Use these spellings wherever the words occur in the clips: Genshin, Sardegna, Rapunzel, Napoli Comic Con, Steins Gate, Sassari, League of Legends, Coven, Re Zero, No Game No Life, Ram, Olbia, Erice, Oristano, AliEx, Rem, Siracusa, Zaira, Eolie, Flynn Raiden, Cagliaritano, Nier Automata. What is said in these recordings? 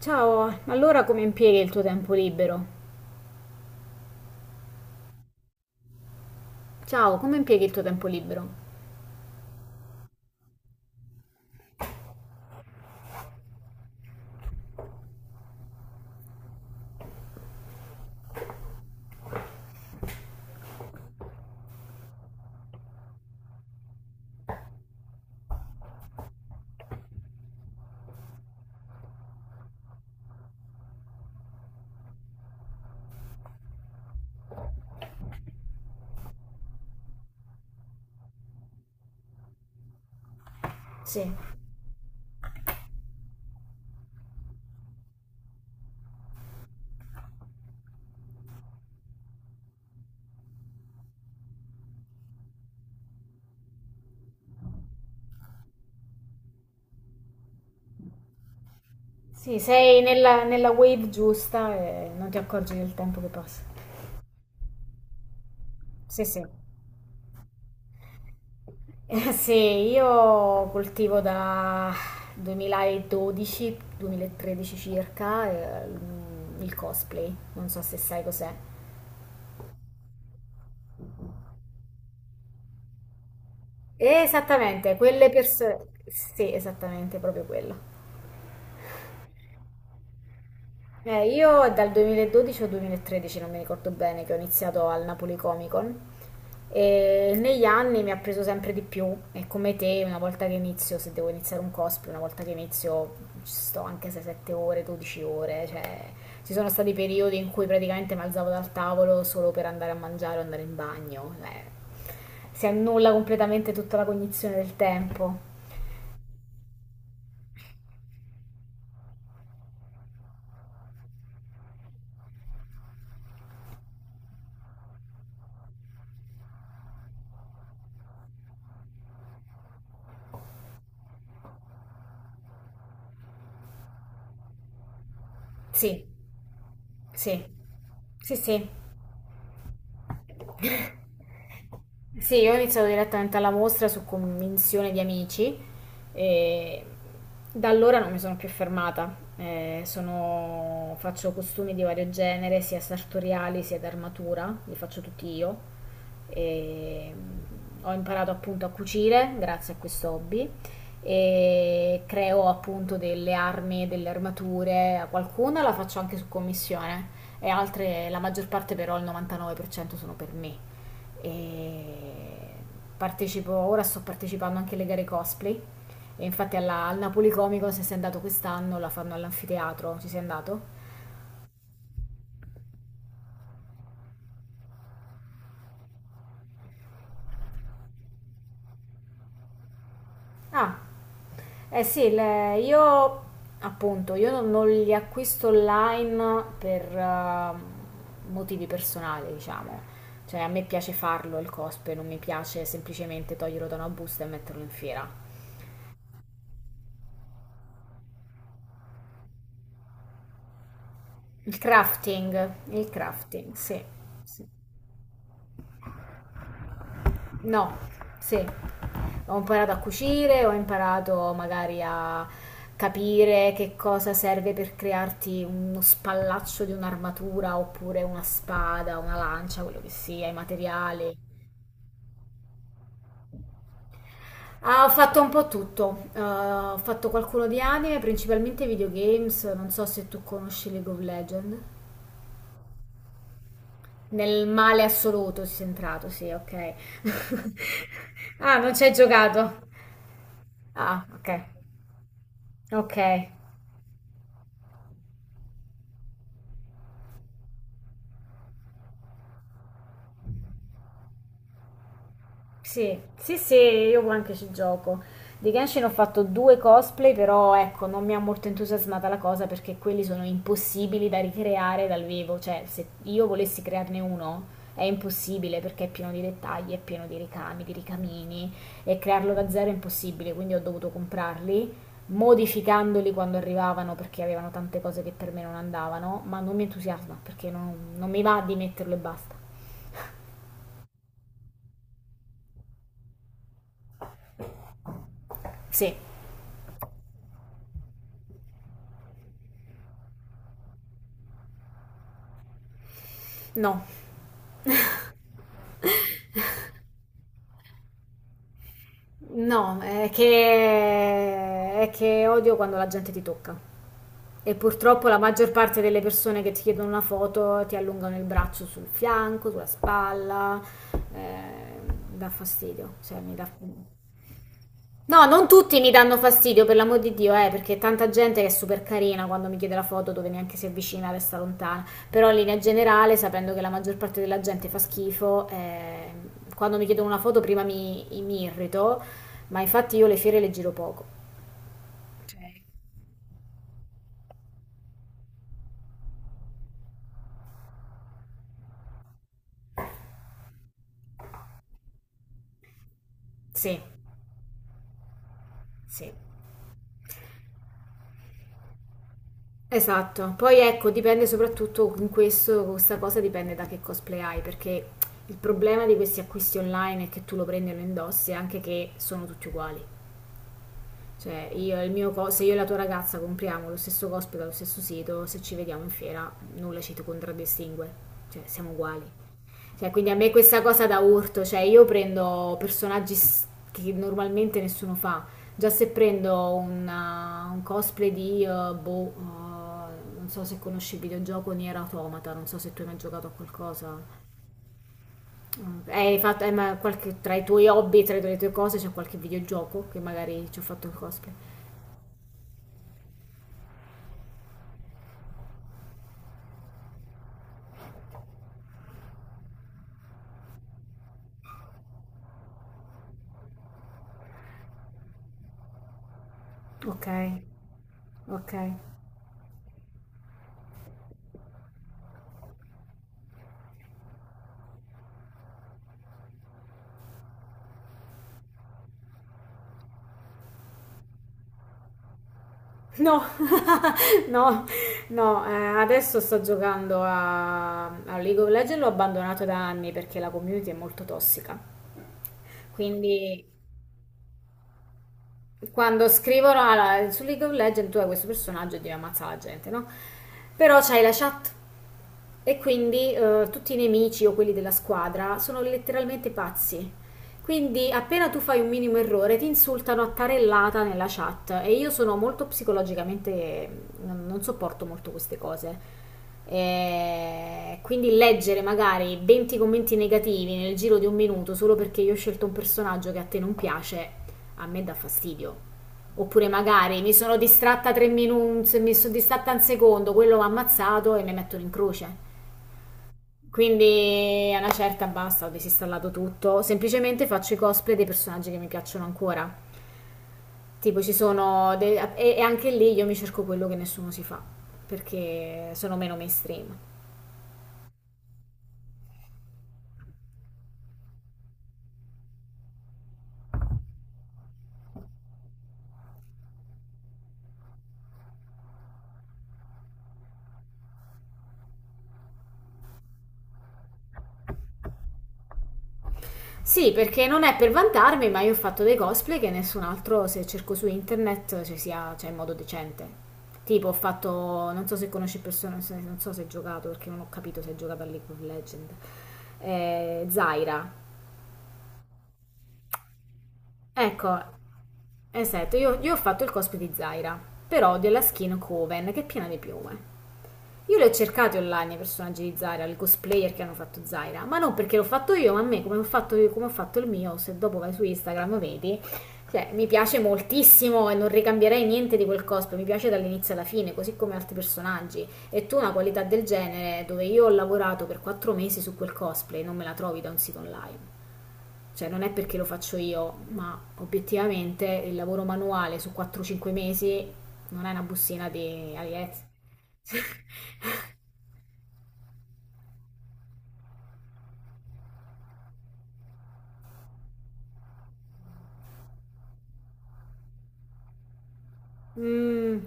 Ciao, allora come impieghi il tuo tempo libero? Ciao, come impieghi il tuo tempo libero? Sì, sì, sei nella wave giusta e non ti accorgi del tempo che passa. Sì, sì. Sì, io coltivo da 2012-2013 circa, il cosplay, non so se sai cos'è. Esattamente, quelle persone... Sì, esattamente, proprio quello. Io è dal 2012 o 2013, non mi ricordo bene, che ho iniziato al Napoli Comic Con e negli anni mi ha preso sempre di più e come te, una volta che inizio, se devo iniziare un cosplay, una volta che inizio ci sto anche se 7 ore, 12 ore, cioè ci sono stati periodi in cui praticamente mi alzavo dal tavolo solo per andare a mangiare o andare in bagno, si annulla completamente tutta la cognizione del tempo. Sì, sì, sì, sì. Sì, io ho iniziato direttamente alla mostra su convinzione di amici e da allora non mi sono più fermata. Sono- faccio costumi di vario genere, sia sartoriali sia d'armatura, li faccio tutti io. E, ho imparato appunto a cucire grazie a questo hobby e creo appunto delle armi, delle armature, a qualcuna la faccio anche su commissione e altre, la maggior parte però il 99% sono per me e partecipo, ora sto partecipando anche alle gare cosplay e infatti al Napoli Comico se sei andato quest'anno la fanno all'anfiteatro, ci sei andato? Ah, eh sì, le- io appunto, io non li acquisto online per motivi personali, diciamo. Cioè, a me piace farlo il cosplay, non mi piace semplicemente toglierlo da una busta e metterlo in fiera. Il crafting, sì. Sì. No, sì. Ho imparato a cucire, ho imparato magari a capire che cosa serve per crearti uno spallaccio di un'armatura oppure una spada, una lancia, quello che sia, i materiali. Ah, ho fatto un po' tutto. Ho fatto qualcuno di anime, principalmente videogames. Non so se tu conosci League of Legends. Nel male assoluto si è entrato, sì, ok. Ah, non ci hai giocato. Ah, ok. Ok. Sì, sì, sì, io anche ci gioco. Di Genshin ho fatto due cosplay, però ecco, non mi ha molto entusiasmata la cosa perché quelli sono impossibili da ricreare dal vivo. Cioè, se io volessi crearne uno è impossibile perché è pieno di dettagli, è pieno di ricami, di ricamini e crearlo da zero è impossibile, quindi ho dovuto comprarli. Modificandoli quando arrivavano perché avevano tante cose che per me non andavano, ma non mi entusiasma perché non mi va di metterlo e basta. Sì, no. No, è che odio quando la gente ti tocca. E purtroppo la maggior parte delle persone che ti chiedono una foto ti allungano il braccio sul fianco, sulla spalla, eh, dà fastidio, cioè mi dà. No, non tutti mi danno fastidio, per l'amor di Dio, perché tanta gente che è super carina quando mi chiede la foto dove neanche si avvicina, resta lontana. Però in linea generale, sapendo che la maggior parte della gente fa schifo, quando mi chiedono una foto prima mi irrito, ma infatti io le fiere le giro poco. Ok. Sì, sì, esatto. Poi ecco, dipende soprattutto in questa cosa dipende da che cosplay hai, perché il problema di questi acquisti online è che tu lo prendi e lo indossi, anche che sono tutti uguali. Cioè, io e il mio co- se io e la tua ragazza compriamo lo stesso cosplay dallo stesso sito, se ci vediamo in fiera, nulla ci contraddistingue. Cioè, siamo uguali. Cioè, quindi a me questa cosa da urto, cioè io prendo personaggi s- che normalmente nessuno fa. Già se prendo una- un cosplay di boh, non so se conosci il videogioco Nier Automata, non so se tu hai mai giocato a qualcosa. Hai fatto, hai mai- qualche, tra i tuoi hobby, tra le tue cose c'è qualche videogioco che magari ci ho fatto il cosplay. Ok. Ok. No, no, no, adesso sto giocando a League of Legends, l'ho abbandonato da anni perché la community è molto tossica. Quindi quando scrivono alla- su League of Legends tu hai questo personaggio e devi ammazzare la gente, no? Però c'hai la chat. E quindi tutti i nemici o quelli della squadra sono letteralmente pazzi. Quindi appena tu fai un minimo errore ti insultano a tarellata nella chat e io sono molto psicologicamente, non sopporto molto queste cose. E quindi leggere magari 20 commenti negativi nel giro di un minuto solo perché io ho scelto un personaggio che a te non piace, a me dà fastidio. Oppure magari mi sono distratta tre minuti, mi sono distratta un secondo, quello mi ha ammazzato e mi mettono in croce. Quindi a una certa basta, ho disinstallato tutto, semplicemente faccio i cosplay dei personaggi che mi piacciono ancora. Tipo ci sono de- e anche lì io mi cerco quello che nessuno si fa, perché sono meno mainstream. Sì, perché non è per vantarmi, ma io ho fatto dei cosplay che nessun altro, se cerco su internet, ci sia, cioè in modo decente. Tipo ho fatto, non so se conosci persone, se- non so se hai giocato, perché non ho capito se hai giocato a League of Legends. Zaira. Ecco, esatto, io ho fatto il cosplay di Zaira, però della skin Coven, che è piena di piume. Io le ho cercate online i personaggi di Zaira, i cosplayer che hanno fatto Zaira, ma non perché l'ho fatto io, ma a me come ho fatto, come ho fatto il mio, se dopo vai su Instagram vedi, cioè, mi piace moltissimo e non ricambierei niente di quel cosplay, mi piace dall'inizio alla fine, così come altri personaggi. E tu una qualità del genere, dove io ho lavorato per 4 mesi su quel cosplay, non me la trovi da un sito online. Cioè non è perché lo faccio io, ma obiettivamente il lavoro manuale su 4-5 mesi non è una bustina di AliEx. Mm,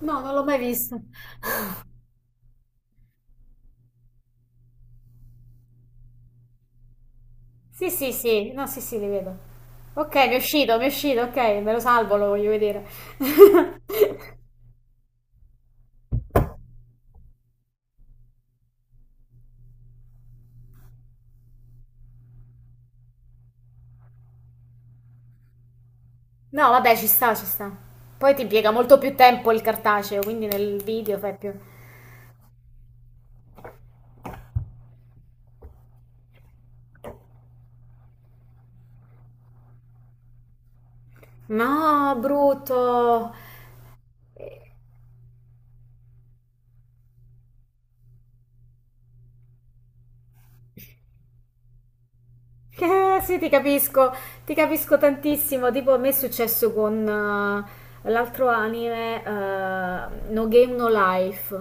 No, non l'ho mai visto. Sì, sì, sì, no, sì, sì, li vedo. Ok, mi è uscito, ok, me lo salvo, lo voglio vedere. No, vabbè, ci sta, ci sta. Poi ti impiega molto più tempo il cartaceo, quindi nel video fai più... No, brutto! Sì, ti capisco tantissimo. Tipo, a me è successo con l'altro anime, No Game No Life,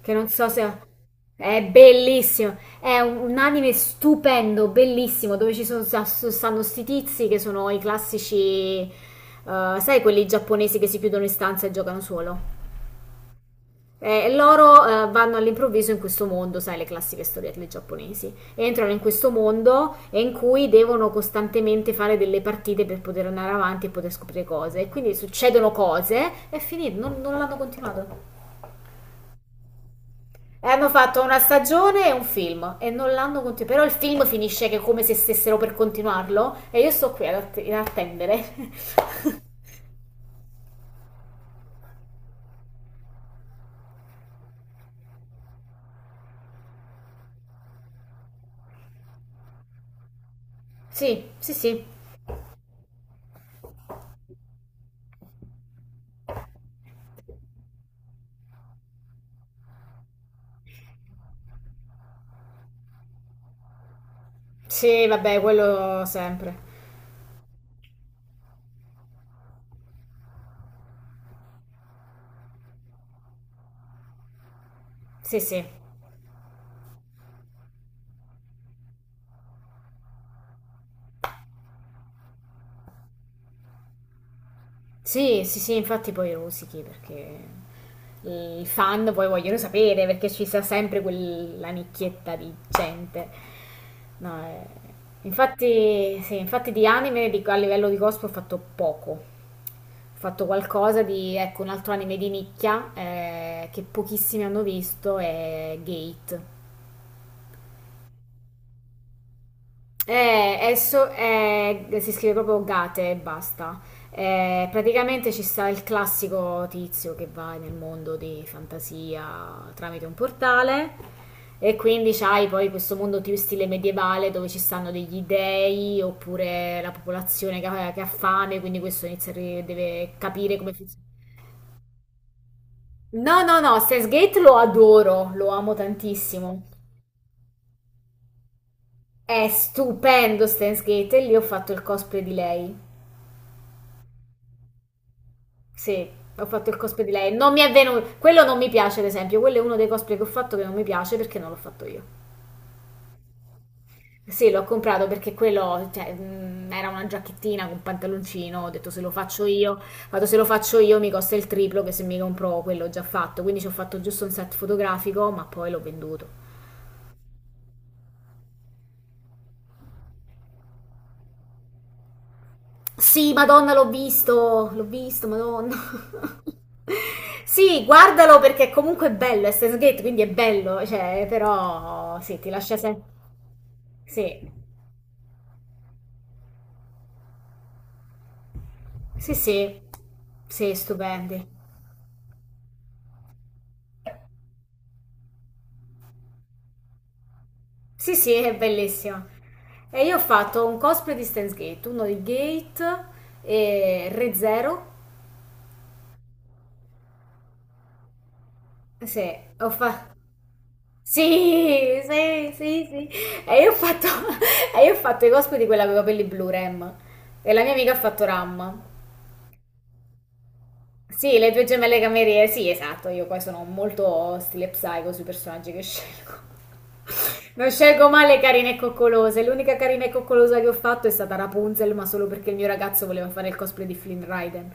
che non so se... È bellissimo, è un anime stupendo, bellissimo, dove ci sono, sta- stanno sti tizi che sono i classici, sai, quelli giapponesi che si chiudono in stanza e giocano solo. E loro vanno all'improvviso in questo mondo, sai, le classiche storielle giapponesi. Entrano in questo mondo in cui devono costantemente fare delle partite per poter andare avanti e poter scoprire cose. E quindi succedono cose e finito, non l'hanno continuato. E hanno fatto una stagione e un film e non l'hanno continuato. Però il film finisce che è come se stessero per continuarlo e io sto qui ad, att- ad attendere. Sì, sì, sì. Sì, vabbè, quello sempre. Sì, sì. Sì, sì, sì, infatti poi rosichi perché i fan poi vogliono sapere perché ci sta sempre quella nicchietta di gente. No, infatti, sì, infatti di anime di- a livello di cosplay ho fatto poco. Ho fatto qualcosa di, ecco, un altro anime di nicchia che pochissimi hanno visto è Gate. Esso è- si scrive proprio Gate e basta. Praticamente ci sta il classico tizio che va nel mondo di fantasia tramite un portale e quindi c'hai poi questo mondo più stile medievale dove ci stanno degli dei oppure la popolazione che ha fame, quindi questo inizia a ri- deve capire come funziona. No, no, no, Steins Gate lo adoro, lo amo tantissimo. È stupendo Steins Gate e lì ho fatto il cosplay di lei. Sì, ho fatto il cosplay di lei. Non mi è venuto. Quello non mi piace, ad esempio. Quello è uno dei cosplay che ho fatto che non mi piace perché non l'ho fatto io. Sì, l'ho comprato perché quello, cioè, era una giacchettina con pantaloncino. Ho detto se lo faccio io, vado se lo faccio io mi costa il triplo che se mi compro quello già fatto. Quindi ci ho fatto giusto un set fotografico, ma poi l'ho venduto. Sì, Madonna, l'ho visto, Madonna. Sì, guardalo perché comunque è bello, è Steins Gate, quindi è bello, cioè, però sì, ti lascia sempre... Sì, sì, sì, sì, stupendi. Sì, sì, è bellissimo. E io ho fatto un cosplay di Steins Gate, uno di Gate e Re Zero. Sì, ho fatto... Sì, sì, sì, sì. E io ho fatto, e io ho fatto i cosplay di quella con i capelli blu, Rem. E la mia amica ha fatto Ram. Sì, le due gemelle cameriere, sì, esatto, io poi sono molto stile psycho sui personaggi che scelgo. Non scelgo mai le carine e coccolose, l'unica carina e coccolosa che ho fatto è stata Rapunzel, ma solo perché il mio ragazzo voleva fare il cosplay di Flynn Raiden.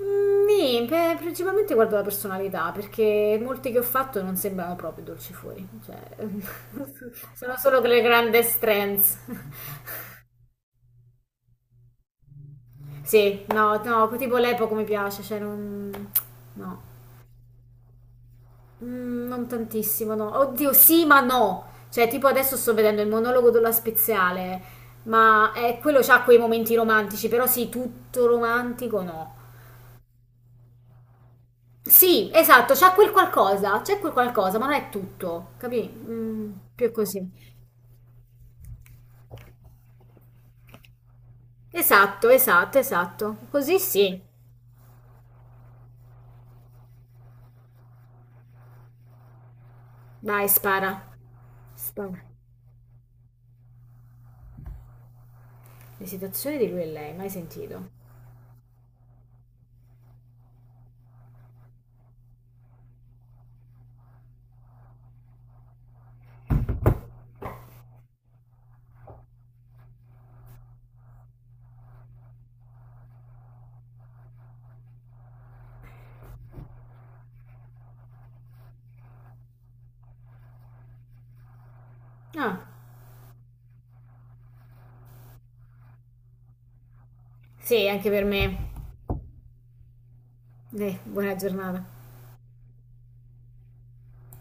Beh, principalmente guardo la personalità, perché molti che ho fatto non sembrano proprio dolci fuori, cioè, sono solo quelle grandi strengths. Sì, no, no, tipo l'epoca mi piace, cioè non... No, non tantissimo, no. Oddio, sì, ma no. Cioè, tipo adesso sto vedendo il monologo della Speziale, ma quello c'ha quei momenti romantici, però sì, tutto romantico no. Sì, esatto, c'ha quel qualcosa, c'è quel qualcosa, ma non è tutto, capì? Più è così. Esatto, esatto, esatto. Così sì. Dai, spara. Spara. Le situazioni di lui e lei, mai sentito? Ah, sì, anche per me. Buona giornata.